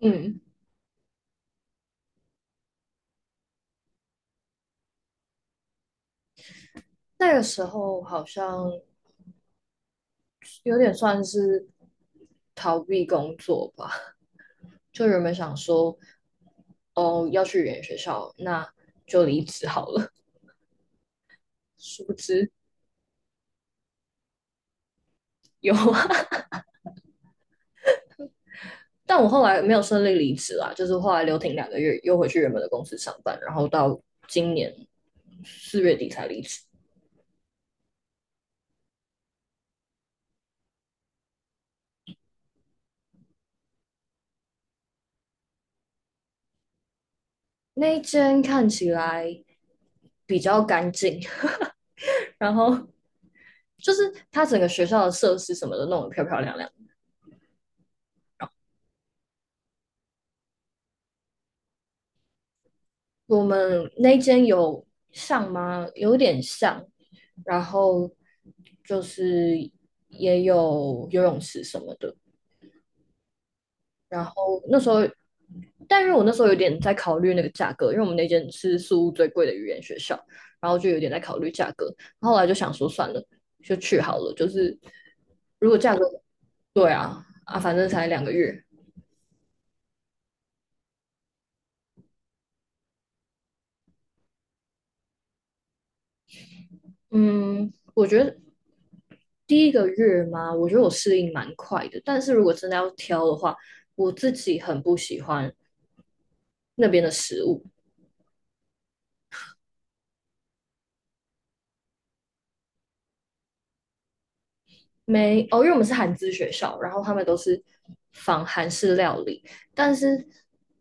嗯，那个时候好像有点算是逃避工作吧，就原本想说，哦，要去语言学校，那就离职好了。殊不知有啊。 但我后来没有顺利离职啦，就是后来留停两个月，又回去原本的公司上班，然后到今年4月底才离职。那一间看起来比较干净，然后就是它整个学校的设施什么的弄得漂漂亮亮。我们那间有上吗？有点像，然后就是也有游泳池什么的。然后那时候，但是我那时候有点在考虑那个价格，因为我们那间是宿屋最贵的语言学校，然后就有点在考虑价格。然后后来就想说算了，就去好了。就是如果价格，对啊啊，反正才两个月。嗯，我觉得第一个月嘛，我觉得我适应蛮快的。但是如果真的要挑的话，我自己很不喜欢那边的食物。没，哦，因为我们是韩资学校，然后他们都是仿韩式料理，但是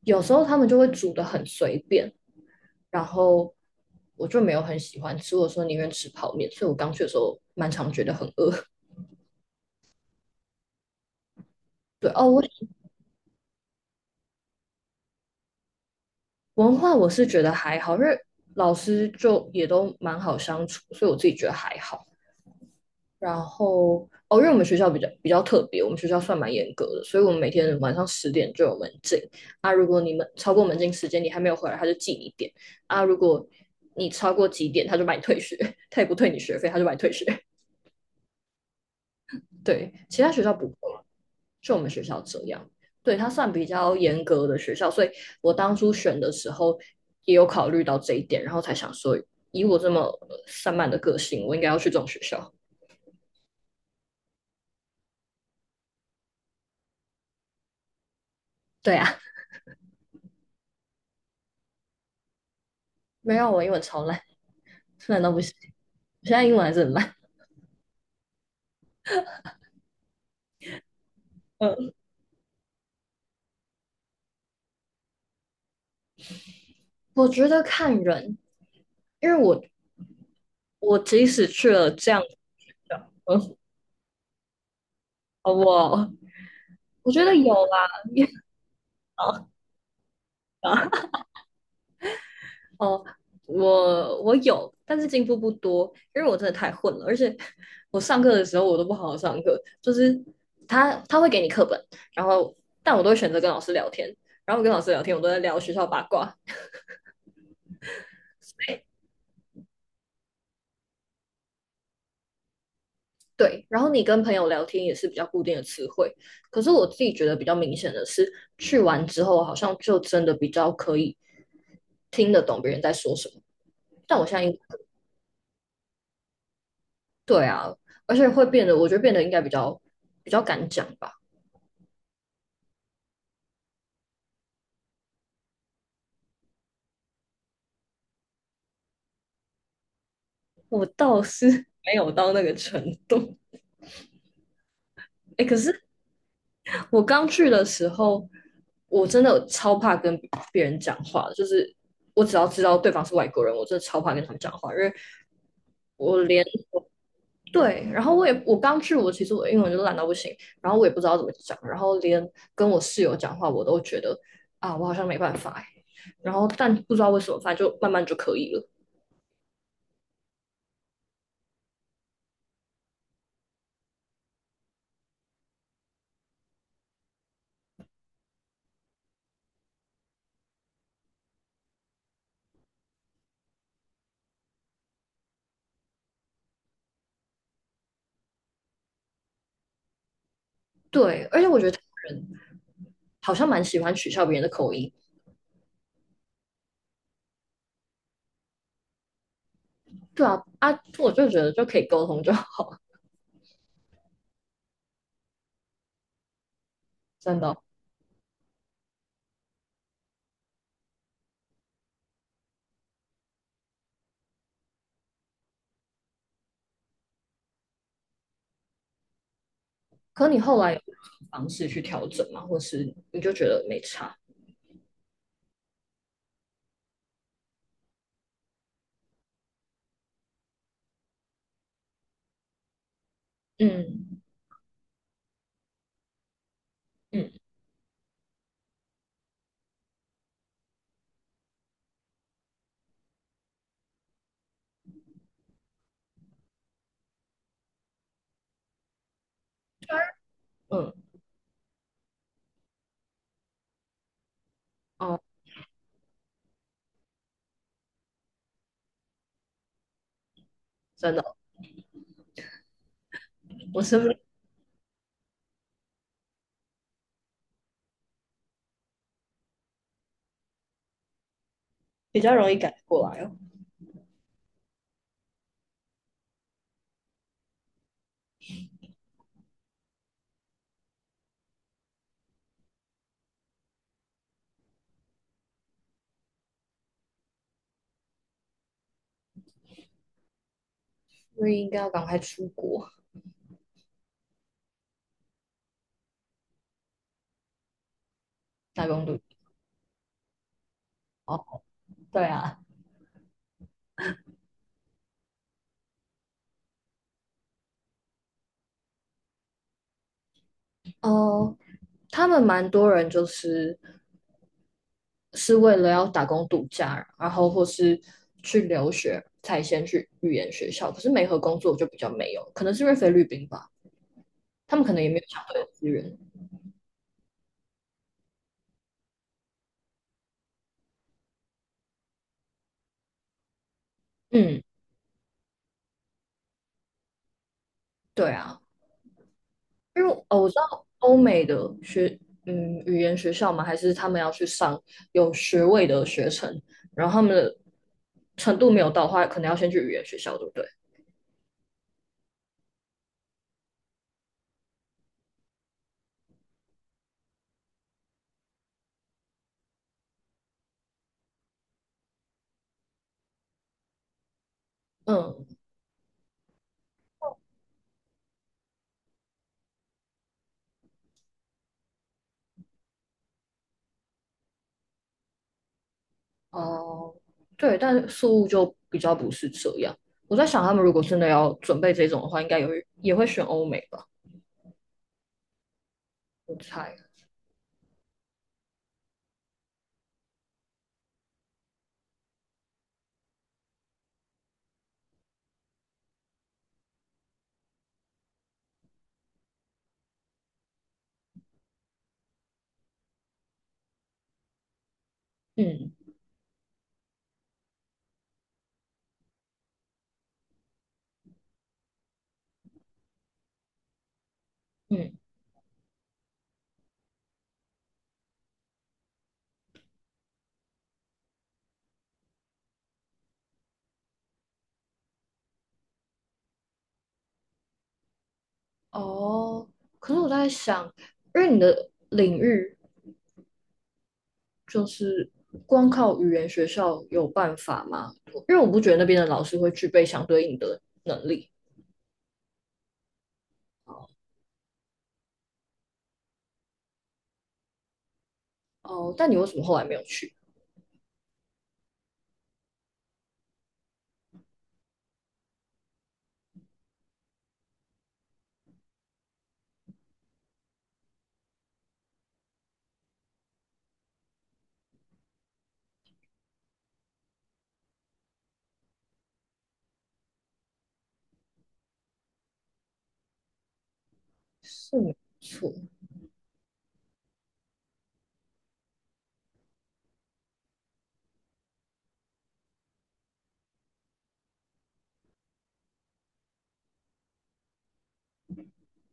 有时候他们就会煮的很随便，然后我就没有很喜欢吃。我说宁愿吃泡面，所以我刚去的时候蛮常觉得很饿。对，哦，我文化我是觉得还好，因为老师就也都蛮好相处，所以我自己觉得还好。然后哦，因为我们学校比较特别，我们学校算蛮严格的，所以我们每天晚上10点就有门禁。啊，如果你们超过门禁时间，你还没有回来，他就记你点。啊，如果你超过几点，他就把你退学，他也不退你学费，他就把你退学。对，其他学校不会。就我们学校这样，对，它算比较严格的学校，所以我当初选的时候也有考虑到这一点，然后才想说，以我这么散漫的个性，我应该要去这种学校。对啊，没有，我英文超烂，烂到不行，我现在英文还是很烂。嗯，我觉得看人，因为我即使去了这样，嗯，好不好，我觉得有啦，也好。哦，我有，但是进步不多，因为我真的太混了，而且 我上课的时候我都不好好上课，就是他会给你课本，然后但我都会选择跟老师聊天，然后我跟老师聊天，我都在聊学校八卦，对，然后你跟朋友聊天也是比较固定的词汇，可是我自己觉得比较明显的是，去完之后好像就真的比较可以听得懂别人在说什么，但我现在应对啊，而且会变得，我觉得变得应该比较比较敢讲吧。我倒是 没有到那个程度。哎，可是我刚去的时候，我真的超怕跟别人讲话，就是我只要知道对方是外国人，我真的超怕跟他们讲话，因为我连对，然后我刚去，我其实我英文就烂到不行，然后我也不知道怎么讲，然后连跟我室友讲话，我都觉得啊，我好像没办法哎，然后但不知道为什么，反正就慢慢就可以了。对，而且我觉得他人好像蛮喜欢取笑别人的口音。对啊啊，我就觉得就可以沟通就好，真的。可你后来有方式去调整嘛，或是你就觉得没差？嗯嗯嗯，哦，真的，我是不是比较容易改过来哦？所以应该要赶快出国打工度假哦，对啊。哦，他们蛮多人就是是为了要打工度假，然后或是去留学才先去语言学校，可是没和工作就比较没有，可能是因为菲律宾吧，他们可能也没有相对的资源。嗯。对啊，因为哦，我知道欧美的学，嗯，语言学校嘛，还是他们要去上有学位的学程，然后他们的程度没有到的话，可能要先去语言学校，对不对？嗯，哦，对，但宿务就比较不是这样。我在想，他们如果真的要准备这种的话，应该也会选欧美吧，我猜。嗯嗯，哦，可是我在想，因为你的领域就是光靠语言学校有办法吗？因为我不觉得那边的老师会具备相对应的能力。哦，但你为什么后来没有去？是没错，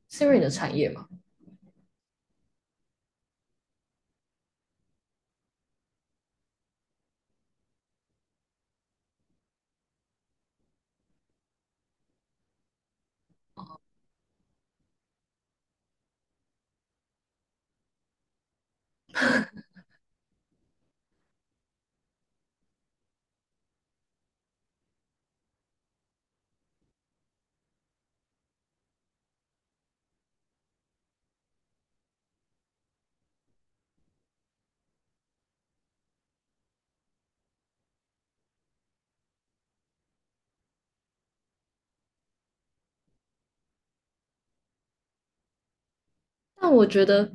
是因为你的产业嘛？但我觉得，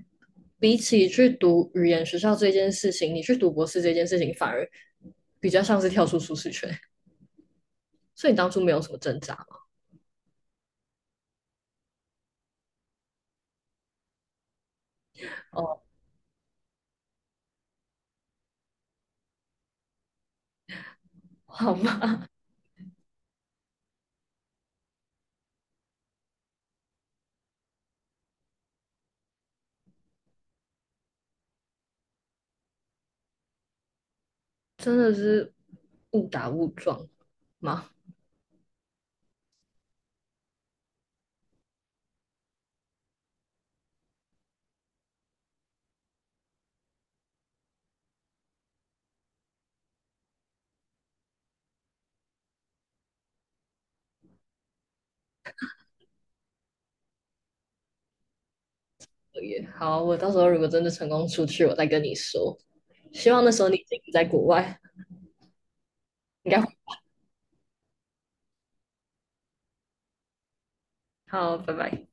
比起去读语言学校这件事情，你去读博士这件事情，反而比较像是跳出舒适圈。所以你当初没有什么挣扎嘛？哦，好吧，真的是误打误撞吗？也好，我到时候如果真的成功出去，我再跟你说。希望那时候你已经在国外，应该会好，拜拜。